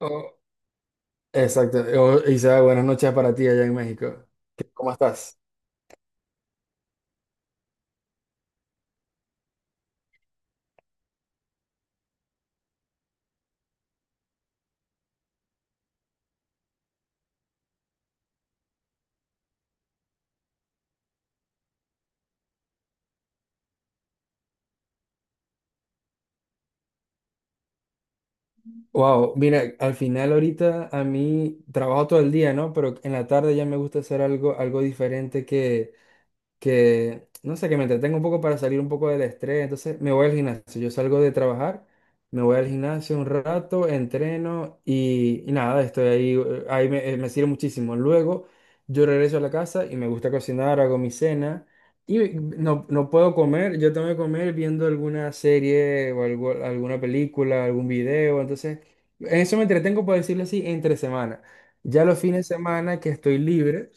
Oh, exacto. Oh, Isa, buenas noches para ti allá en México. ¿Cómo estás? Wow, mira, al final ahorita a mí trabajo todo el día, ¿no? Pero en la tarde ya me gusta hacer algo, algo diferente que, no sé, que me entretengo un poco para salir un poco del estrés. Entonces me voy al gimnasio. Yo salgo de trabajar, me voy al gimnasio un rato, entreno y nada, estoy ahí, ahí me sirve muchísimo. Luego yo regreso a la casa y me gusta cocinar, hago mi cena. Y no, no puedo comer, yo tengo que comer viendo alguna serie o alguna película, algún video. Entonces, en eso me entretengo, por decirlo así, entre semana. Ya los fines de semana que estoy libre,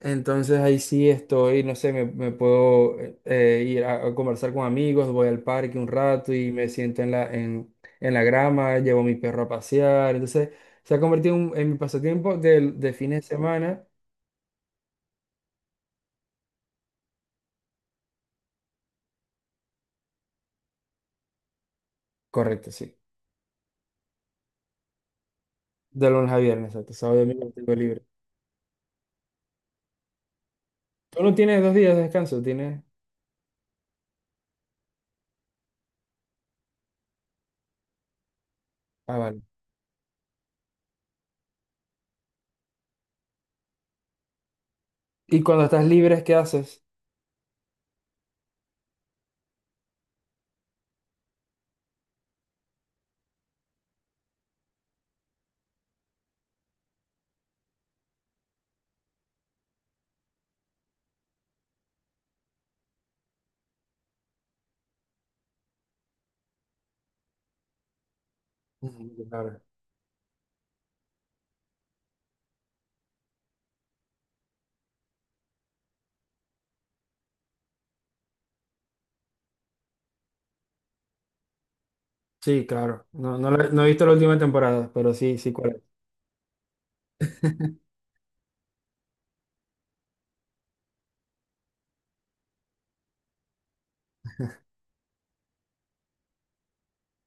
entonces ahí sí estoy, no sé, me puedo ir a conversar con amigos, voy al parque un rato y me siento en en la grama, llevo a mi perro a pasear. Entonces se ha convertido en, en mi pasatiempo de fines de semana. Correcto, sí. De lunes a viernes, exacto. Sábado y domingo lo tengo libre. Tú no tienes dos días de descanso, tienes... Ah, vale. Y cuando estás libre, ¿qué haces? Ujú, claro. Sí, claro. No, no, no he visto la última temporada, pero sí, sí, cuál es.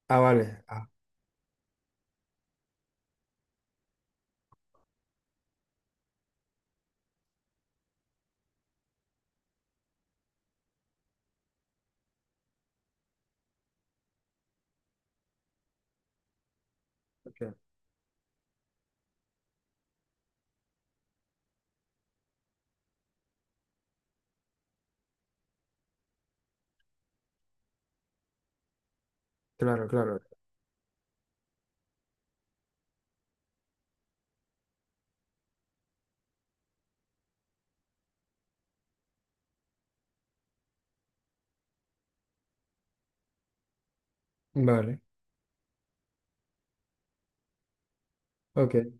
Ah, vale. Ah, ok. Claro, claro. Vale. Ok.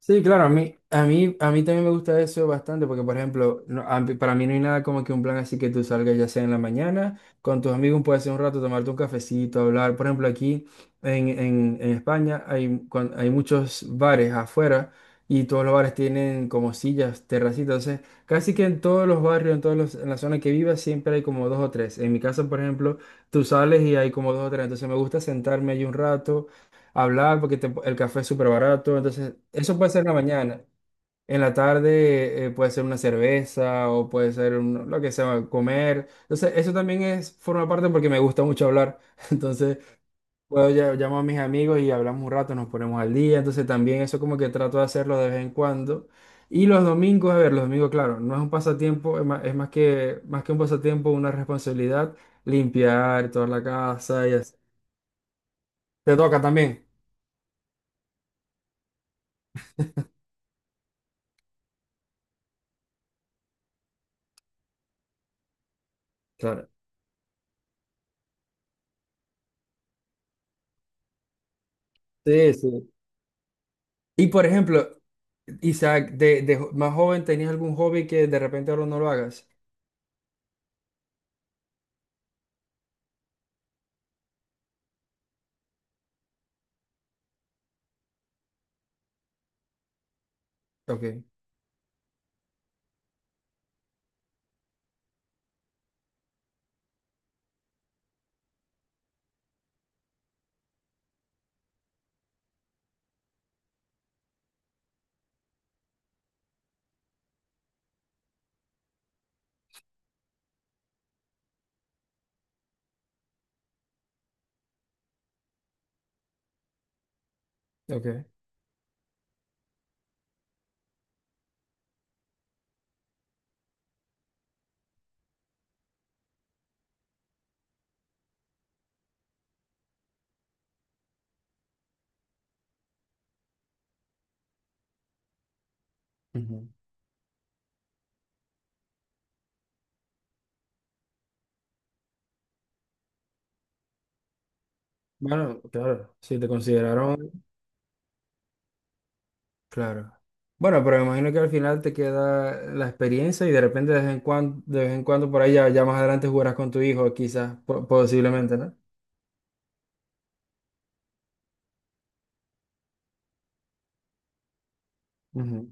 Sí, claro, a mí también me gusta eso bastante porque, por ejemplo, para mí no hay nada como que un plan así que tú salgas ya sea en la mañana, con tus amigos puedes hacer un rato, tomarte un cafecito, hablar. Por ejemplo, aquí en España hay, hay muchos bares afuera y todos los bares tienen como sillas, terracitas. Entonces, casi que en todos los barrios, en la zona que vivas, siempre hay como dos o tres. En mi casa, por ejemplo, tú sales y hay como dos o tres. Entonces, me gusta sentarme allí un rato hablar porque el café es súper barato. Entonces, eso puede ser en la mañana. En la tarde puede ser una cerveza o puede ser lo que sea, comer. Entonces, eso también es, forma parte porque me gusta mucho hablar. Entonces, puedo ya, llamo a mis amigos y hablamos un rato, nos ponemos al día. Entonces, también eso como que trato de hacerlo de vez en cuando. Y los domingos, a ver, los domingos, claro, no es un pasatiempo, es más, más que un pasatiempo, una responsabilidad, limpiar toda la casa y así. Te toca también. Claro. Sí, sí. Y por ejemplo, Isaac, más joven, ¿tenías algún hobby que de repente ahora no lo hagas? Ok, ok. Ujú. Bueno, claro, si te consideraron, claro. Bueno, pero me imagino que al final te queda la experiencia y de repente de vez en cuando por ahí ya, ya más adelante jugarás con tu hijo, quizás, posiblemente, ¿no?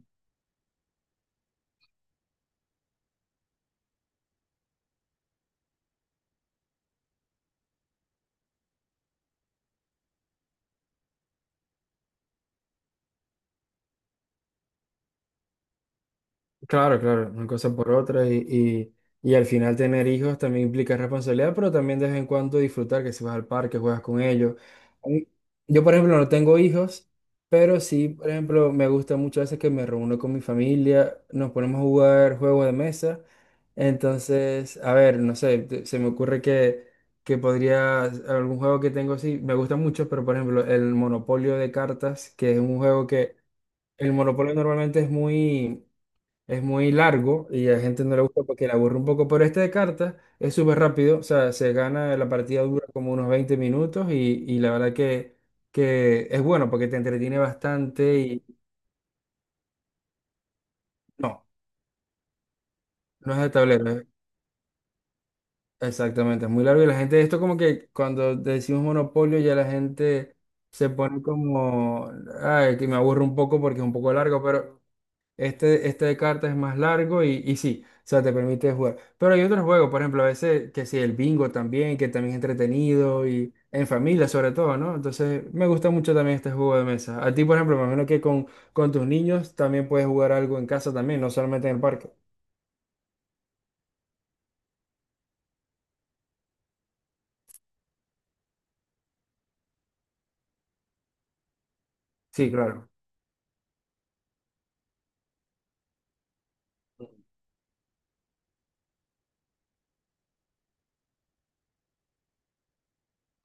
Claro, claro, una cosa por otra y al final tener hijos también implica responsabilidad, pero también de vez en cuando disfrutar, que si vas al parque, juegas con ellos. A mí- Yo, por ejemplo, no tengo hijos, pero sí, por ejemplo, me gusta mucho veces que me reúno con mi familia, nos ponemos a jugar juegos de mesa. Entonces, a ver, no sé, se me ocurre que podría, algún juego que tengo, sí, me gusta mucho, pero por ejemplo, el Monopolio de cartas, que es un juego que, el Monopolio normalmente es muy largo y a la gente no le gusta porque le aburre un poco, pero este de cartas es súper rápido, o sea, se gana, la partida dura como unos 20 minutos y la verdad que es bueno porque te entretiene bastante y no, no es de tablero, exactamente, es muy largo y la gente, esto como que cuando decimos monopolio ya la gente se pone como, ay, que me aburre un poco porque es un poco largo, pero... Este de cartas es más largo y sí, o sea, te permite jugar. Pero hay otros juegos, por ejemplo, a veces que sí, el bingo también, que también es entretenido y en familia sobre todo, ¿no? Entonces, me gusta mucho también este juego de mesa. A ti, por ejemplo, me imagino con tus niños también puedes jugar algo en casa también, no solamente en el parque. Sí, claro.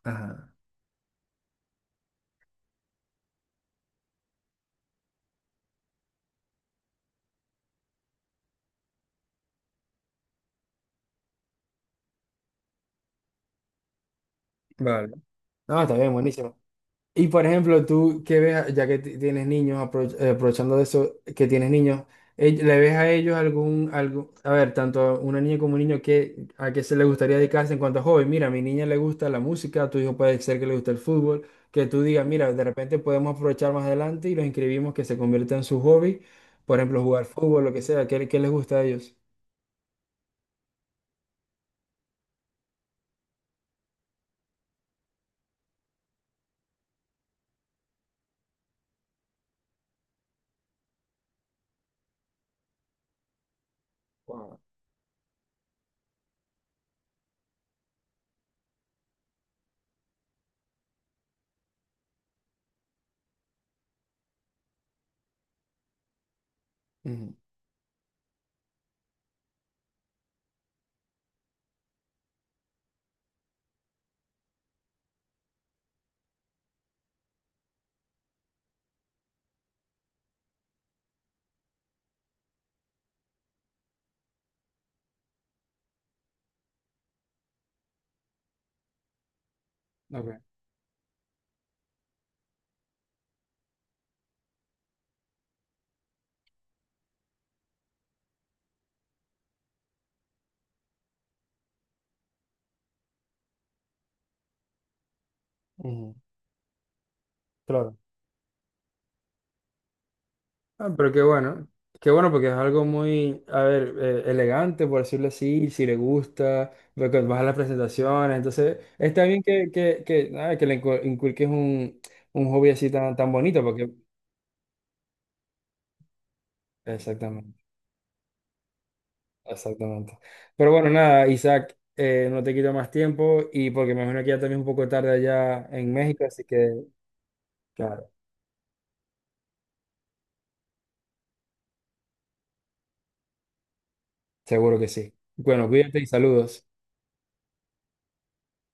Ajá. Vale. No, está bien, buenísimo. Y por ejemplo, tú que ves, ya que tienes niños, aprovechando de eso, que tienes niños, ¿le ves a ellos algún, algo, a ver, tanto a una niña como un niño, que, a qué se le gustaría dedicarse en cuanto a hobby? Mira, a mi niña le gusta la música, a tu hijo puede ser que le guste el fútbol, que tú digas, mira, de repente podemos aprovechar más adelante y los inscribimos que se convierta en su hobby, por ejemplo, jugar fútbol, lo que sea, ¿qué, qué les gusta a ellos? Wow. Ujú, ok, ujú, claro. Ah, pero qué bueno porque es algo muy, a ver, elegante, por decirlo así, si le gusta, porque vas a las presentaciones, entonces está bien que, nada, que inculques un hobby así tan, tan bonito, porque exactamente, exactamente. Pero bueno, nada, Isaac, no te quito más tiempo y porque me imagino que ya también es un poco tarde allá en México, así que, claro, seguro que sí. Bueno, cuídate y saludos.